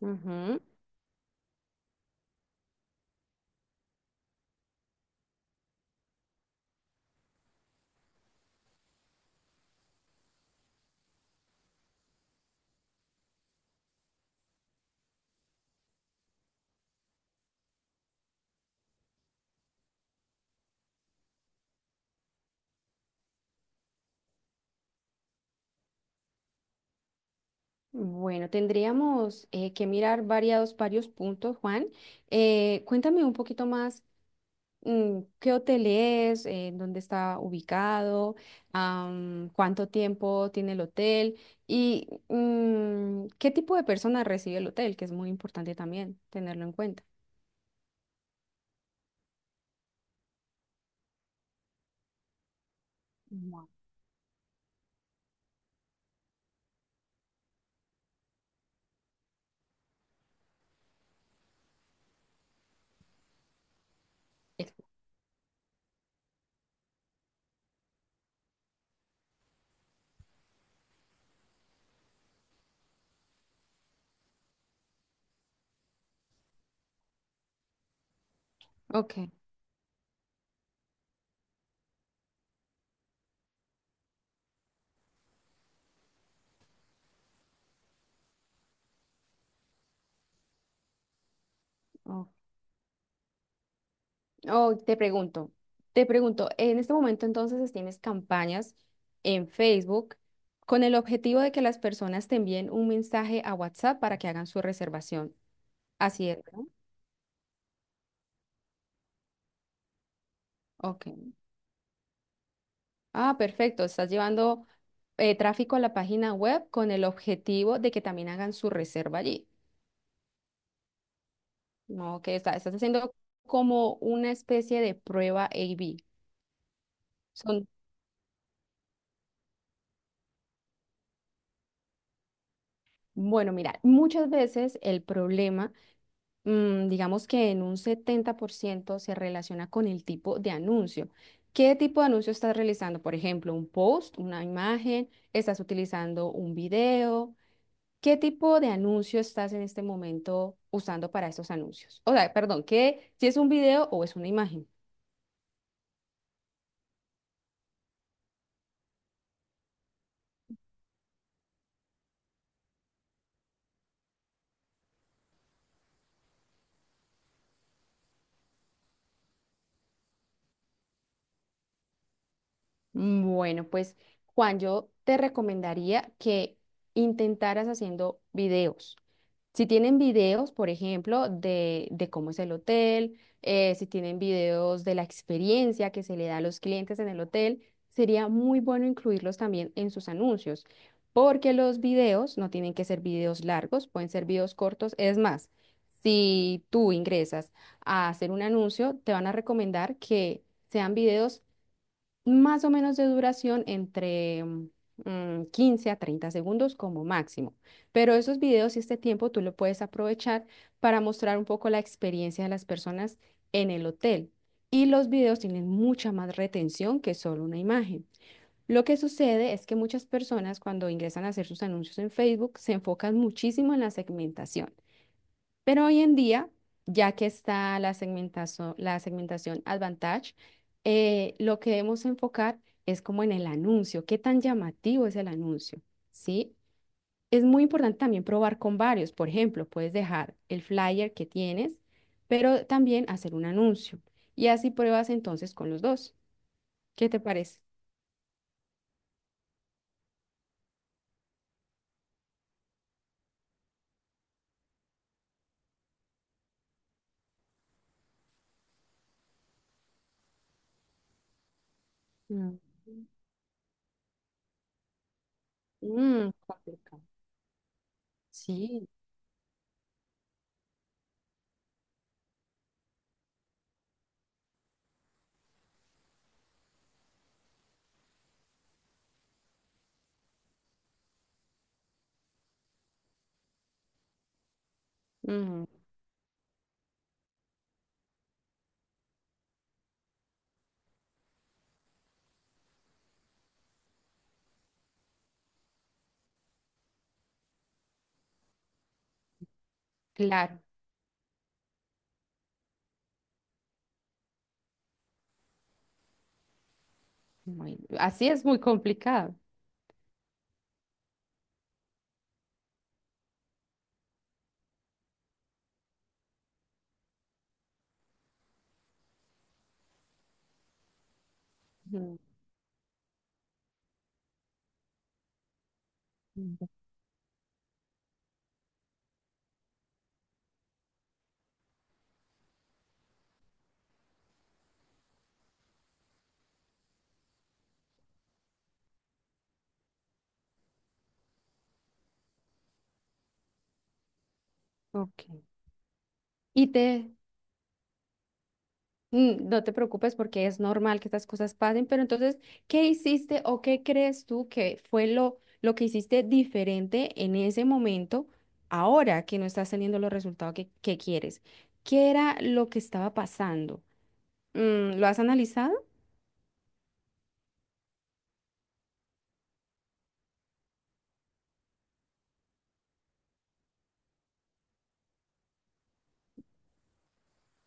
Ujú. Bueno, tendríamos que mirar varios puntos, Juan. Cuéntame un poquito más, ¿qué hotel es? ¿Dónde está ubicado? ¿Cuánto tiempo tiene el hotel? Y ¿qué tipo de personas recibe el hotel? Que es muy importante también tenerlo en cuenta. Bueno. Ok, ok. Oh, te pregunto, en este momento entonces tienes campañas en Facebook con el objetivo de que las personas te envíen un mensaje a WhatsApp para que hagan su reservación. Así es, ¿no? Ok. Ah, perfecto. Estás llevando tráfico a la página web con el objetivo de que también hagan su reserva allí. No, que estás haciendo como una especie de prueba A/B. Son, bueno, mira, muchas veces el problema digamos que en un 70% se relaciona con el tipo de anuncio. ¿Qué tipo de anuncio estás realizando? Por ejemplo, un post, una imagen, estás utilizando un video. ¿Qué tipo de anuncio estás en este momento usando para esos anuncios? O sea, perdón, ¿qué, si es un video o es una imagen? Bueno, pues Juan, yo te recomendaría que intentaras haciendo videos. Si tienen videos, por ejemplo, de cómo es el hotel, si tienen videos de la experiencia que se le da a los clientes en el hotel, sería muy bueno incluirlos también en sus anuncios, porque los videos no tienen que ser videos largos, pueden ser videos cortos. Es más, si tú ingresas a hacer un anuncio, te van a recomendar que sean videos más o menos de duración entre 15 a 30 segundos como máximo. Pero esos videos y este tiempo tú lo puedes aprovechar para mostrar un poco la experiencia de las personas en el hotel. Y los videos tienen mucha más retención que solo una imagen. Lo que sucede es que muchas personas cuando ingresan a hacer sus anuncios en Facebook se enfocan muchísimo en la segmentación. Pero hoy en día, ya que está la la segmentación Advantage, lo que debemos enfocar es como en el anuncio, qué tan llamativo es el anuncio, ¿sí? Es muy importante también probar con varios. Por ejemplo, puedes dejar el flyer que tienes, pero también hacer un anuncio. Y así pruebas entonces con los dos. ¿Qué te parece? Mm. Mm, complicado. Sí, mm, claro. Bueno, así es muy complicado. Mm, mm, Ok. Y te, mm, no te preocupes porque es normal que estas cosas pasen, pero entonces, ¿qué hiciste o qué crees tú que fue lo que hiciste diferente en ese momento, ahora que no estás teniendo los resultados que quieres? ¿Qué era lo que estaba pasando? Mm, ¿lo has analizado?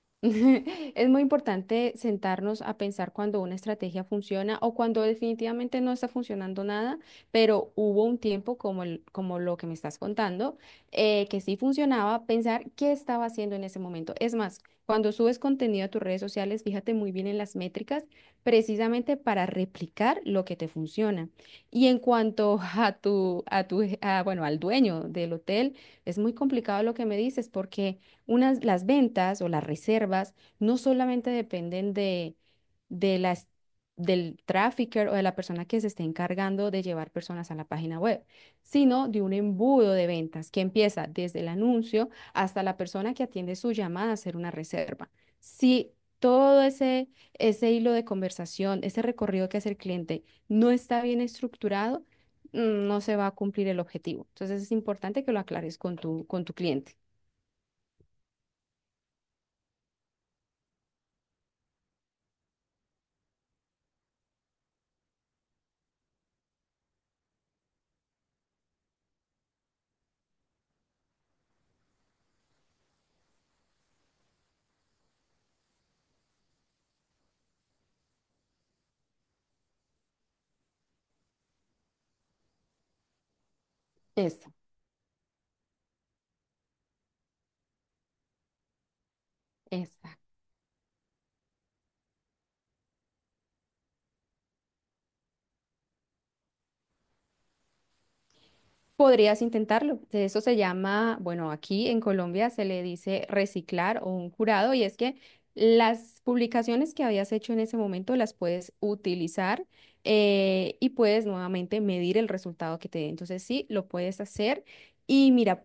Es muy importante sentarnos a pensar cuando una estrategia funciona o cuando definitivamente no está funcionando nada, pero hubo un tiempo como, como lo que me estás contando, que sí funcionaba, pensar qué estaba haciendo en ese momento. Es más, cuando subes contenido a tus redes sociales, fíjate muy bien en las métricas, precisamente para replicar lo que te funciona. Y en cuanto a bueno, al dueño del hotel, es muy complicado lo que me dices porque unas, las ventas o las reservas no solamente dependen de del trafficker o de la persona que se esté encargando de llevar personas a la página web, sino de un embudo de ventas que empieza desde el anuncio hasta la persona que atiende su llamada a hacer una reserva. Si todo ese hilo de conversación, ese recorrido que hace el cliente no está bien estructurado, no se va a cumplir el objetivo. Entonces es importante que lo aclares con con tu cliente. Es Exacto. Podrías intentarlo. De Eso se llama, bueno, aquí en Colombia se le dice reciclar o un jurado y es que las publicaciones que habías hecho en ese momento las puedes utilizar y puedes nuevamente medir el resultado que te dé. Entonces sí, lo puedes hacer y mira,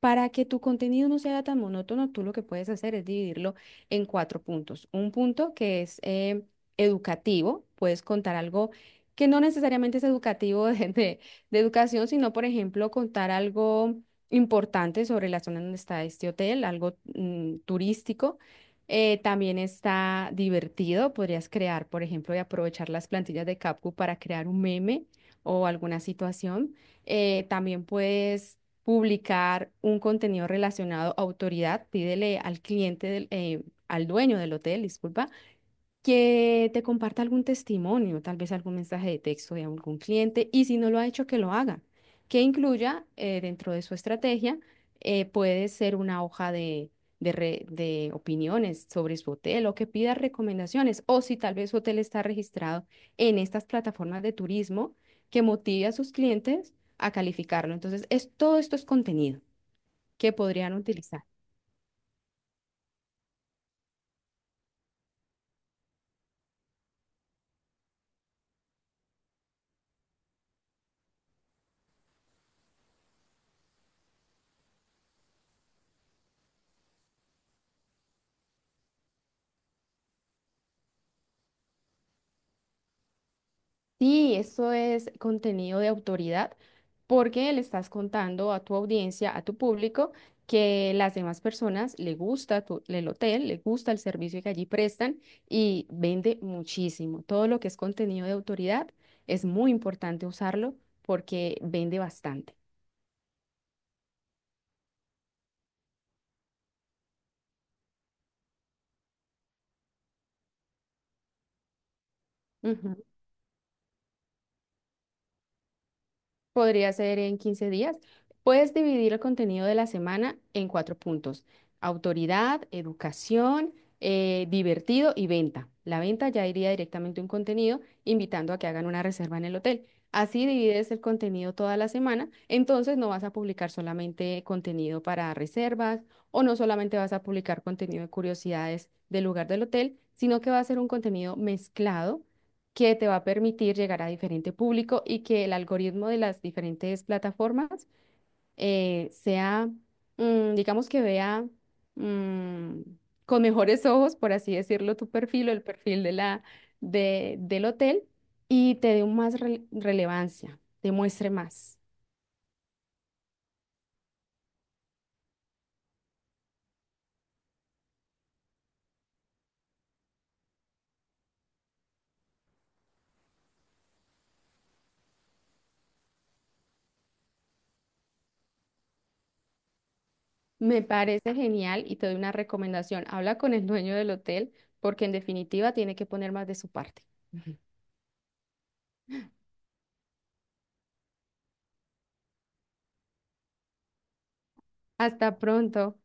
para que tu contenido no sea tan monótono, tú lo que puedes hacer es dividirlo en cuatro puntos. Un punto que es educativo, puedes contar algo que no necesariamente es educativo desde de educación, sino, por ejemplo, contar algo importante sobre la zona donde está este hotel, algo turístico. También está divertido, podrías crear, por ejemplo, y aprovechar las plantillas de CapCut para crear un meme o alguna situación. También puedes publicar un contenido relacionado a autoridad, pídele al cliente, al dueño del hotel, disculpa, que te comparta algún testimonio, tal vez algún mensaje de texto de algún cliente, y si no lo ha hecho, que lo haga, que incluya dentro de su estrategia, puede ser una hoja de opiniones sobre su hotel o que pida recomendaciones, o si tal vez su hotel está registrado en estas plataformas de turismo, que motive a sus clientes a calificarlo. Entonces, es, todo esto es contenido que podrían utilizar. Sí, esto es contenido de autoridad porque le estás contando a tu audiencia, a tu público, que las demás personas le el hotel, le gusta el servicio que allí prestan y vende muchísimo. Todo lo que es contenido de autoridad es muy importante usarlo porque vende bastante. Podría ser en 15 días. Puedes dividir el contenido de la semana en cuatro puntos. Autoridad, educación, divertido y venta. La venta ya iría directamente un contenido invitando a que hagan una reserva en el hotel. Así divides el contenido toda la semana. Entonces no vas a publicar solamente contenido para reservas o no solamente vas a publicar contenido de curiosidades del lugar del hotel, sino que va a ser un contenido mezclado que te va a permitir llegar a diferente público y que el algoritmo de las diferentes plataformas eh, sea, digamos que vea mm, con mejores ojos, por así decirlo, tu perfil o el perfil de del hotel y te dé un más relevancia, te muestre más. Me parece genial y te doy una recomendación. Habla con el dueño del hotel porque en definitiva tiene que poner más de su parte. Ujú. Hasta pronto.